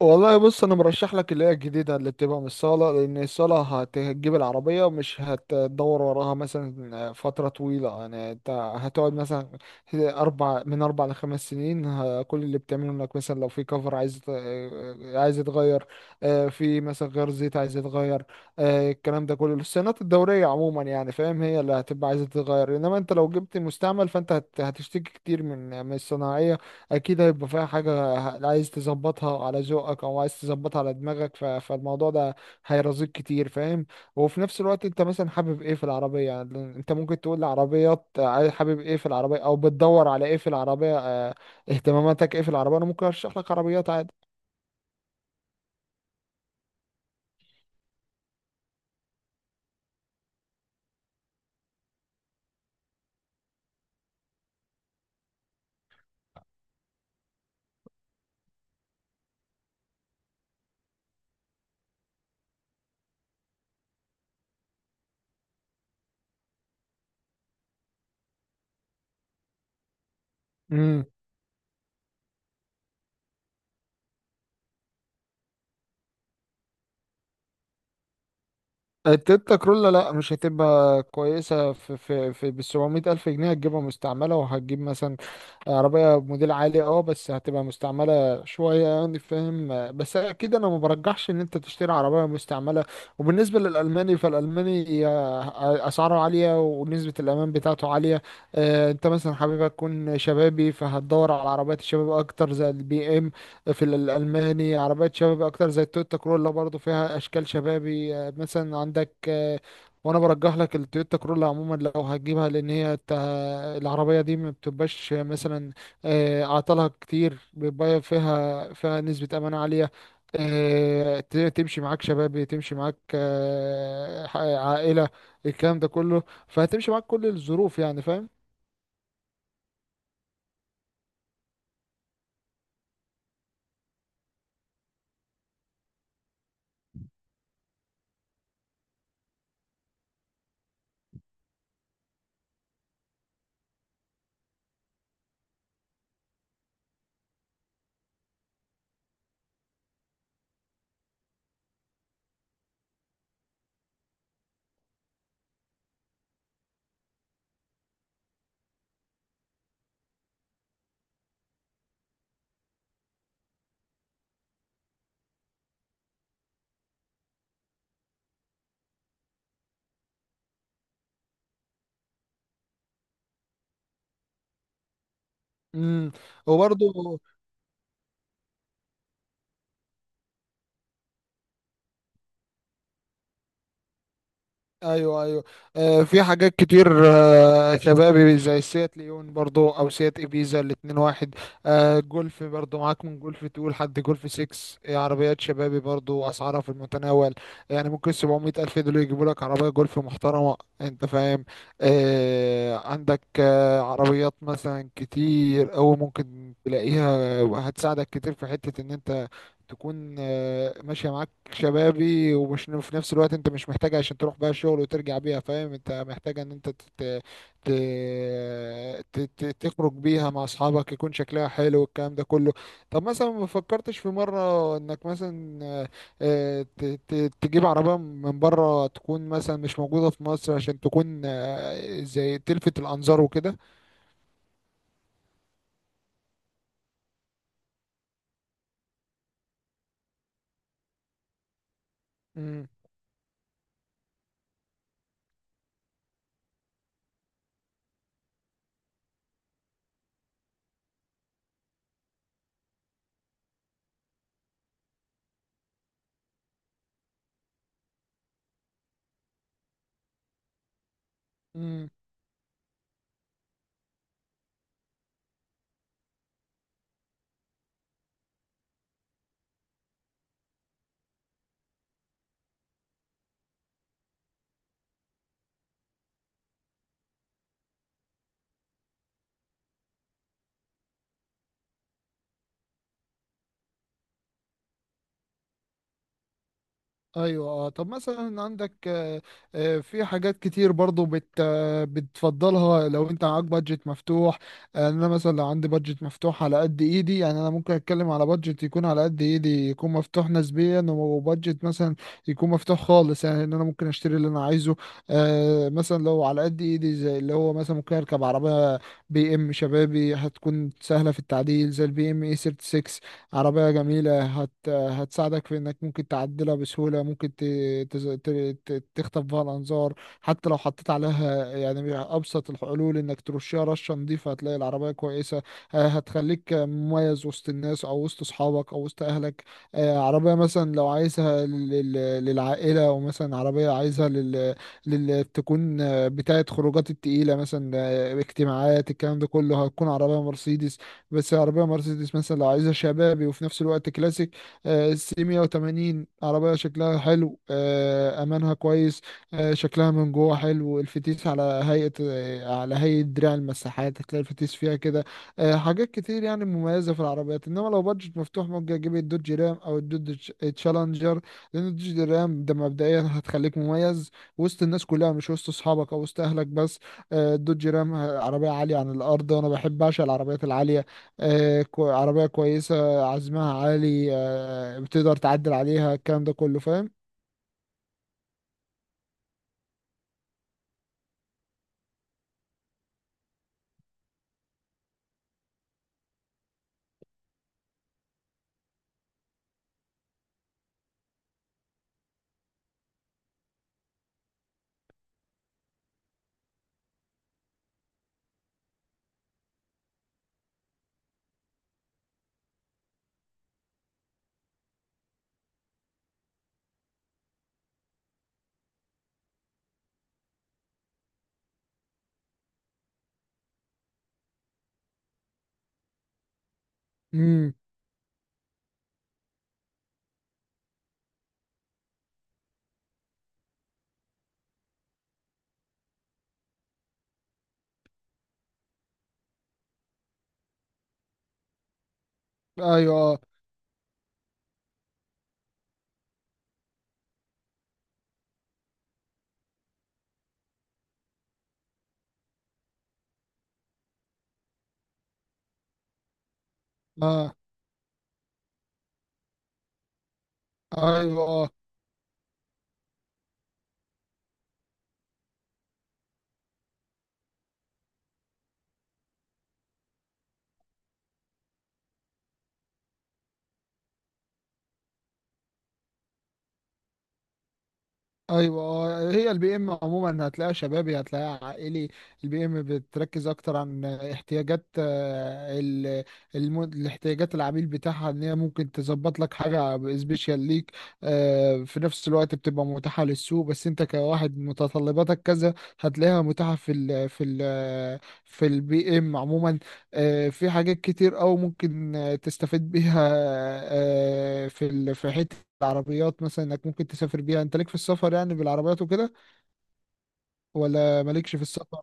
والله، بص انا مرشح لك اللي هي الجديده، اللي بتبقى من الصاله. لان الصاله هتجيب العربيه، مش هتدور وراها مثلا فتره طويله، يعني انت هتقعد مثلا اربع، من اربع لخمس سنين. كل اللي بتعمله انك مثلا لو في كفر عايز يتغير، في مثلا غير زيت عايز يتغير، الكلام ده كله الصيانات الدوريه عموما، يعني فاهم، هي اللي هتبقى عايزه تتغير. انما انت لو جبت مستعمل، فانت هتشتكي كتير من الصناعيه، اكيد هيبقى فيها حاجه. عايز تظبطها على ذوقك، او عايز تظبطها على دماغك، فالموضوع ده هيرزقك كتير فاهم. وفي نفس الوقت انت مثلا حابب ايه في العربيه؟ يعني انت ممكن تقول لعربيات حابب ايه في العربيه، او بتدور على ايه في العربيه؟ اهتماماتك ايه في العربيه؟ انا ممكن ارشح لك عربيات عادي. التويوتا كرولا لا، مش هتبقى كويسة، في بال 700 ألف جنيه، هتجيبها مستعملة، وهتجيب مثلا عربية موديل عالي، اه، بس هتبقى مستعملة شوية، يعني فاهم. بس أكيد أنا ما برجحش إن أنت تشتري عربية مستعملة. وبالنسبة للألماني، فالألماني أسعاره عالية، ونسبة الأمان بتاعته عالية. أنت مثلا حابب تكون شبابي، فهتدور على عربيات الشباب أكتر، زي البي، في الألماني. عربيات شباب أكتر زي التويوتا كرولا برضو، فيها أشكال شبابي، مثلا عندك، وأنا برجح لك التويوتا كرولا عموما لو هتجيبها، لأن هي العربية دي ما بتبقاش مثلا أعطالها كتير، بيبقى فيها نسبة أمان عالية، تمشي معاك شبابي، تمشي معاك عائلة، الكلام ده كله. فهتمشي معاك كل الظروف، يعني فاهم. امم وبرضه ايوه، ايوه. آه، في حاجات كتير آه شبابي، زي سيات ليون، برضو، او سيات ابيزا، الاتنين واحد. آه، جولف برضو معاك، من جولف تو لحد جولف 6. آه، عربيات شبابي برضو اسعارها في المتناول، يعني ممكن 700 الف دول يجيبوا لك عربيه جولف محترمه، انت فاهم. آه، عندك آه عربيات مثلا كتير، او ممكن تلاقيها هتساعدك كتير، في حته ان انت تكون آه ماشيه معاك شبابي، ومش في نفس الوقت. انت مش محتاج عشان تروح بقى الشغل وترجع بيها، فاهم؟ انت محتاج ان انت تت... ت... ت... ت... تخرج بيها مع اصحابك، يكون شكلها حلو والكلام ده كله. طب مثلا ما فكرتش في مرة انك مثلا آه، ت... ت... تجيب عربية من بره، تكون مثلا مش موجودة في مصر، عشان تكون زي تلفت الانظار وكده. مم. ايوه، اه. طب مثلا عندك في حاجات كتير برضو بت آه، بتفضلها لو انت معاك بادجت مفتوح. انا مثلا لو عندي بادجت مفتوح على قد ايدي، يعني انا ممكن اتكلم على بادجت يكون على قد ايدي، يكون مفتوح نسبيا، وبادجت مثلا يكون مفتوح خالص، يعني ان انا ممكن اشتري اللي انا عايزه. مثلا لو على قد ايدي، زي اللي هو مثلا ممكن اركب عربية بي ام شبابي، هتكون سهلة في التعديل، زي البي ام اي 36. عربية جميلة، هتساعدك في انك ممكن تعدلها بسهولة، ممكن ت... تز... ت... ت... تخطف بها الانظار. حتى لو حطيت عليها يعني ابسط الحلول، انك ترشها رشة نظيفة، هتلاقي العربية كويسة، هتخليك مميز وسط الناس، او وسط اصحابك، او وسط اهلك. عربية مثلا لو عايزها للعائلة، او مثلا عربية عايزها تكون بتاعة خروجات التقيلة، مثلا اجتماعات، الكلام ده كله، هتكون عربية مرسيدس. بس عربية مرسيدس مثلا لو عايزها شبابي وفي نفس الوقت كلاسيك، سي 180 عربية شكلها حلو، أمانها كويس، شكلها من جوه حلو. الفتيس على هيئة على هيئة دراع المساحات، هتلاقي الفتيس فيها كده. حاجات كتير يعني مميزة في العربيات. إنما لو بادجت مفتوح، ممكن أجيب الدوج رام، أو الدوج تشالنجر. لأن الدوج رام ده مبدئيا هتخليك مميز وسط الناس كلها، مش وسط أصحابك أو وسط أهلك بس. الدوج رام عربية عالية عن الأرض، وأنا بحب أعشق العربيات العالية. عربية كويسة، عزمها عالي، بتقدر تعدل عليها، الكلام ده كله فاهم. امم ايوه، اه. آه، ايوه آه. ايوه هي البي ام عموما هتلاقيها شبابي، هتلاقيها عائلي. البي ام بتركز اكتر عن احتياجات الاحتياجات العميل بتاعها، ان هي ممكن تظبط لك حاجه سبيشال ليك. في نفس الوقت بتبقى متاحه للسوق، بس انت كواحد متطلباتك كذا، هتلاقيها متاحه في البي ام عموما. في حاجات كتير أوي، ممكن تستفيد بيها في حتة العربيات، مثلا انك ممكن تسافر بيها، انت ليك في السفر يعني بالعربيات وكده. ولا مالكش في السفر؟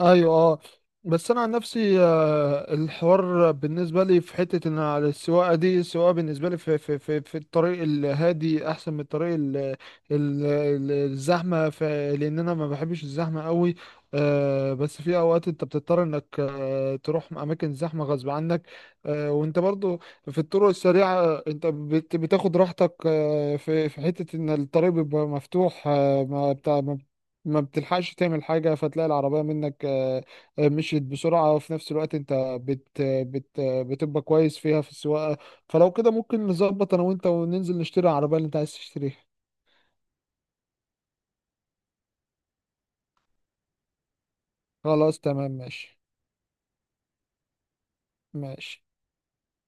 ايوه، اه. بس انا عن نفسي، الحوار بالنسبه لي في حته ان على السواقه دي، السواقه بالنسبه لي في الطريق الهادي احسن من الطريق الزحمه، لان انا ما بحبش الزحمه قوي. بس في اوقات انت بتضطر انك تروح اماكن زحمه غصب عنك. وانت برضو في الطرق السريعه انت بتاخد راحتك، في في حته ان الطريق بيبقى مفتوح، ما بتلحقش تعمل حاجة، فتلاقي العربية منك مشيت بسرعة، وفي نفس الوقت انت بت بت بتبقى كويس فيها في السواقة. فلو كده ممكن نظبط انا وانت، وننزل نشتري العربية اللي انت عايز تشتريها. خلاص تمام ماشي. ماشي.